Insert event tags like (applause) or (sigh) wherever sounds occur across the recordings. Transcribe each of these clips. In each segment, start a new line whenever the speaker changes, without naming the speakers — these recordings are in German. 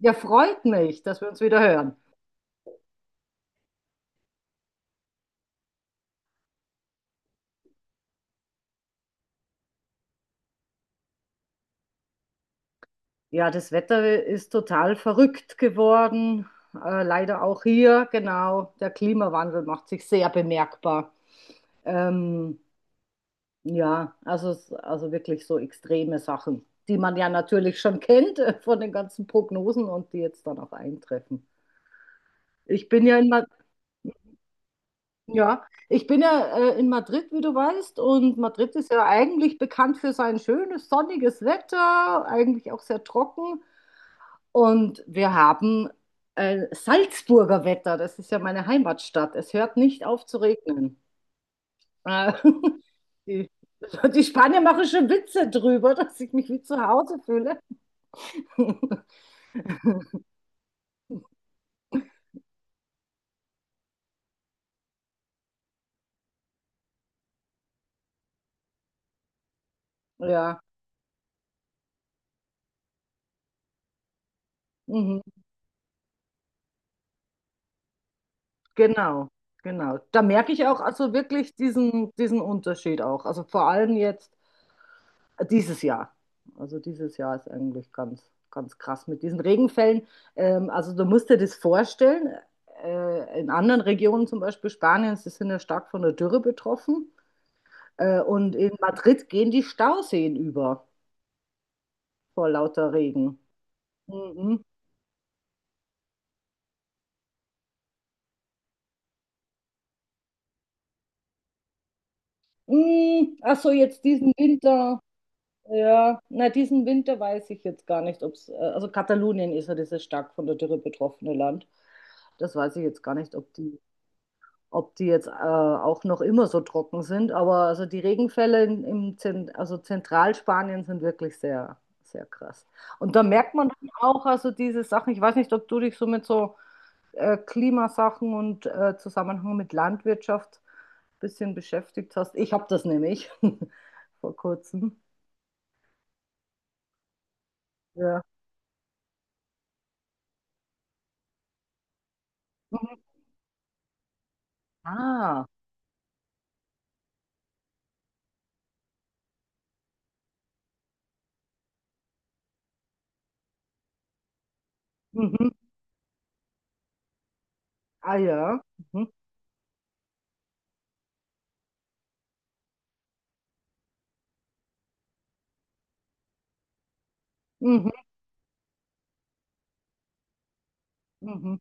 Ja, freut mich, dass wir uns wieder hören. Ja, das Wetter ist total verrückt geworden. Leider auch hier, genau. Der Klimawandel macht sich sehr bemerkbar. Ähm, ja, also, also wirklich so extreme Sachen, die man ja natürlich schon kennt von den ganzen Prognosen und die jetzt dann auch eintreffen. Ich bin ja in Madrid, ja, ich bin ja in Madrid, wie du weißt, und Madrid ist ja eigentlich bekannt für sein schönes, sonniges Wetter, eigentlich auch sehr trocken. Und wir haben Salzburger Wetter, das ist ja meine Heimatstadt. Es hört nicht auf zu regnen. Äh, (laughs) die, die Spanier machen schon Witze drüber, dass ich mich wie zu Hause fühle. (laughs) Ja, mhm. Genau, genau. Da merke ich auch also wirklich diesen Unterschied auch. Also vor allem jetzt dieses Jahr. Also dieses Jahr ist eigentlich ganz, ganz krass mit diesen Regenfällen. Also du musst dir das vorstellen, in anderen Regionen, zum Beispiel Spaniens, die sind ja stark von der Dürre betroffen. Und in Madrid gehen die Stauseen über vor lauter Regen. Mhm. Mm, ach so, jetzt diesen Winter. Ja, na, diesen Winter weiß ich jetzt gar nicht, ob es, also Katalonien ist ja dieses stark von der Dürre betroffene Land. Das weiß ich jetzt gar nicht, ob die jetzt auch noch immer so trocken sind. Aber also die Regenfälle in, im Zent also Zentralspanien sind wirklich sehr, sehr krass. Und da merkt man dann auch also diese Sachen. Ich weiß nicht, ob du dich so mit so Klimasachen und Zusammenhang mit Landwirtschaft ein bisschen beschäftigt hast. Ich habe das nämlich (laughs) vor kurzem. Ja. Mhm. Ah, mhm. Ah ja. Mhm. Mhm. Mhm.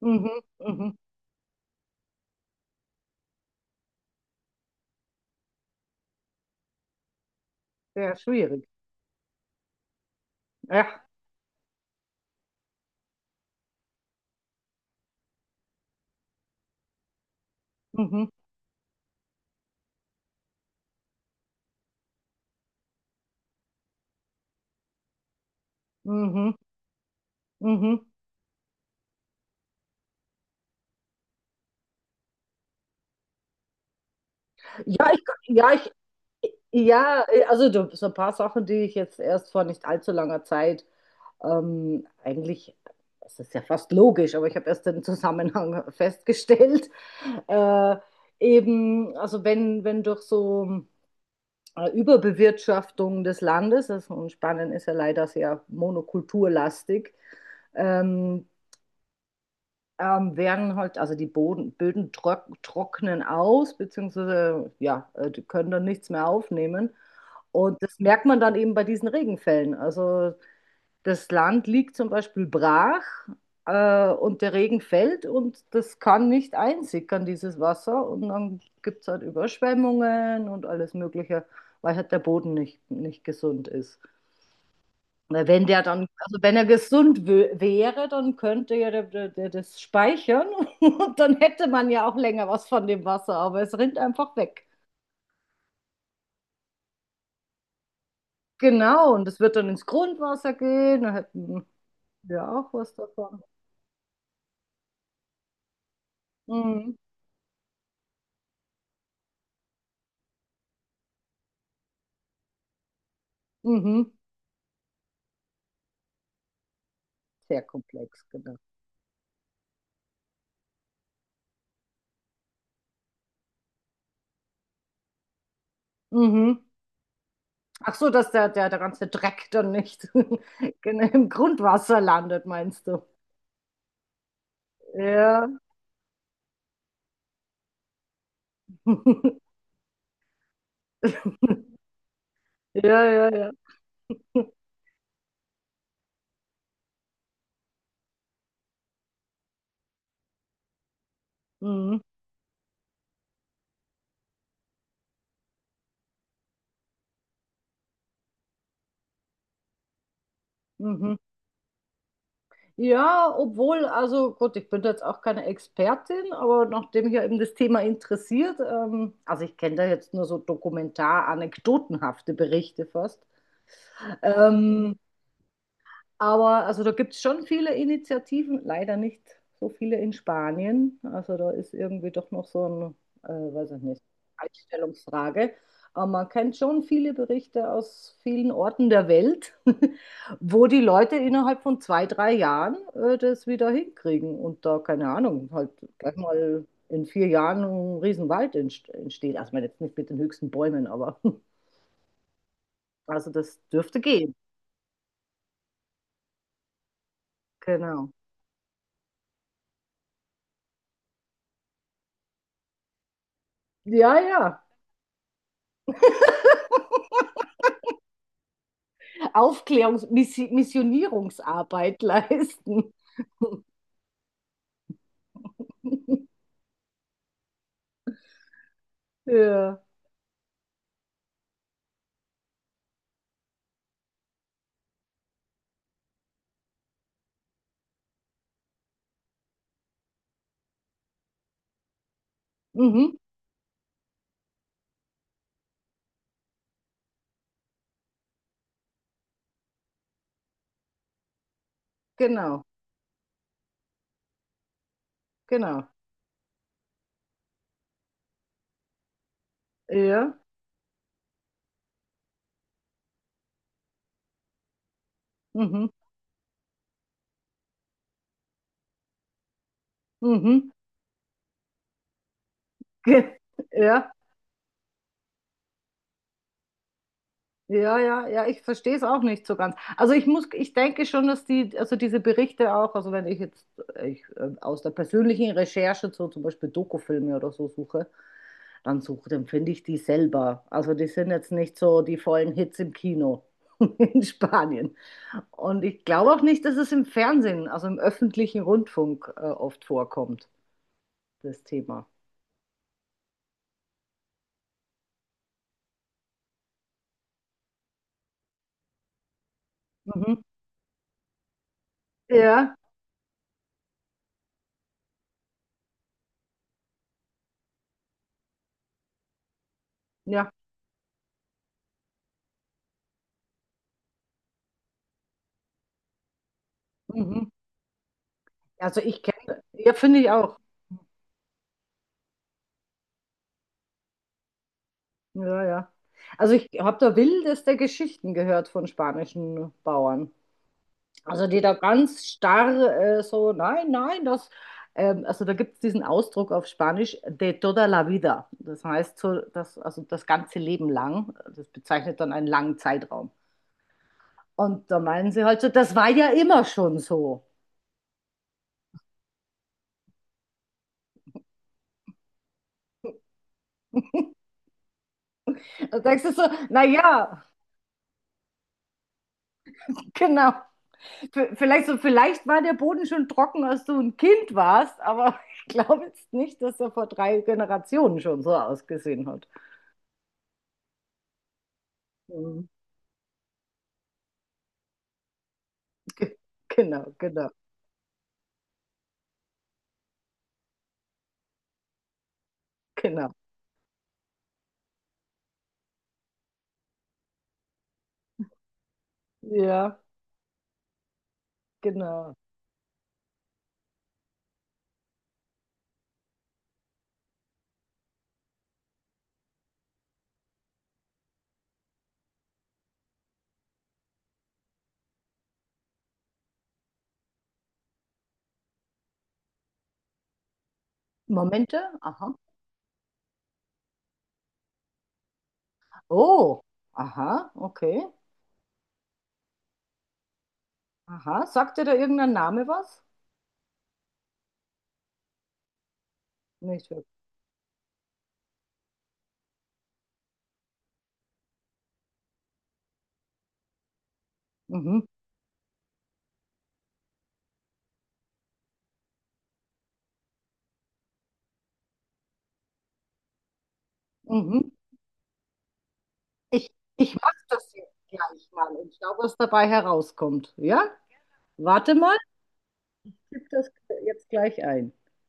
Mhm. Mhm. Mhm. Sehr schwierig. Ja. Mhm. Mhm. Mhm. Ja, ich, ja, ich, also so ein paar Sachen, die ich jetzt erst vor nicht allzu langer Zeit eigentlich, es ist ja fast logisch, aber ich habe erst den Zusammenhang (laughs) festgestellt. Äh, eben, also wenn durch so Überbewirtschaftung des Landes, also und Spanien ist ja leider sehr monokulturlastig, ähm, werden halt, also die Böden trocknen aus, beziehungsweise ja, die können dann nichts mehr aufnehmen. Und das merkt man dann eben bei diesen Regenfällen. Also das Land liegt zum Beispiel brach und der Regen fällt und das kann nicht einsickern, dieses Wasser. Und dann gibt es halt Überschwemmungen und alles Mögliche, weil halt der Boden nicht gesund ist. Weil wenn der dann, also wenn er gesund wäre, dann könnte ja der das speichern (laughs) und dann hätte man ja auch länger was von dem Wasser, aber es rinnt einfach weg. Genau, und es wird dann ins Grundwasser gehen, dann hätten wir auch was davon. Mhm. Mhm. Sehr komplex, genau. Mhm. Ach so, dass der ganze Dreck dann nicht (laughs) genau im Grundwasser landet, meinst du? Ja. (laughs) Ja, ja, ja. Mhm. Mhm. Ja, obwohl, also gut, ich bin da jetzt auch keine Expertin, aber nachdem mich ja eben das Thema interessiert, also ich kenne da jetzt nur so dokumentar-anekdotenhafte Berichte fast, ähm, aber also da gibt es schon viele Initiativen, leider nicht so viele in Spanien. Also da ist irgendwie doch noch so ein, weiß ich nicht, Einstellungsfrage. Aber man kennt schon viele Berichte aus vielen Orten der Welt, (laughs) wo die Leute innerhalb von 2, 3 Jahren das wieder hinkriegen und da, keine Ahnung, halt gleich mal in 4 Jahren ein Riesenwald entsteht. Also ich meine jetzt nicht mit den höchsten Bäumen, aber (laughs) also das dürfte gehen. Genau. Ja, ja. Aufklärungs-Missionierungsarbeit leisten. (laughs) Ja. Mhm. Genau, genau. Ja. Mhm. Mhm. Ge- Ja. Ja, ja, ja, ich verstehe es auch nicht so ganz. Also ich muss, ich denke schon, dass die, also diese Berichte auch, also wenn ich jetzt aus der persönlichen Recherche so zum Beispiel Dokufilme oder so suche, dann finde ich die selber. Also die sind jetzt nicht so die vollen Hits im Kino (laughs) in Spanien. Und ich glaube auch nicht, dass es im Fernsehen, also im öffentlichen Rundfunk, oft vorkommt, das Thema. Mhm. Ja, ja. Mhm. Also ich kenne, ja, finde ich auch. Ja, ja. Also ich habe da wildeste Geschichten gehört von spanischen Bauern. Also die da ganz starr so, nein, nein, das, also da gibt es diesen Ausdruck auf Spanisch, de toda la vida. Das heißt so, das, also das ganze Leben lang. Das bezeichnet dann einen langen Zeitraum. Und da meinen sie halt so, das war ja immer schon so. Da denkst du so, naja, genau. Vielleicht war der Boden schon trocken, als du ein Kind warst, aber (laughs) ich glaube jetzt nicht, dass er vor 3 Generationen schon so ausgesehen hat. Mhm. Ge- Genau, genau, genau. Ja, genau. Momente? Aha. Oh, aha, okay. Aha. Sagt dir da irgendein Name was? Nicht wirklich. Mhm, mhm. Ich, ich mache das jetzt gleich mal und schau, was dabei herauskommt. Ja? Warte mal, ich tippe das jetzt gleich ein.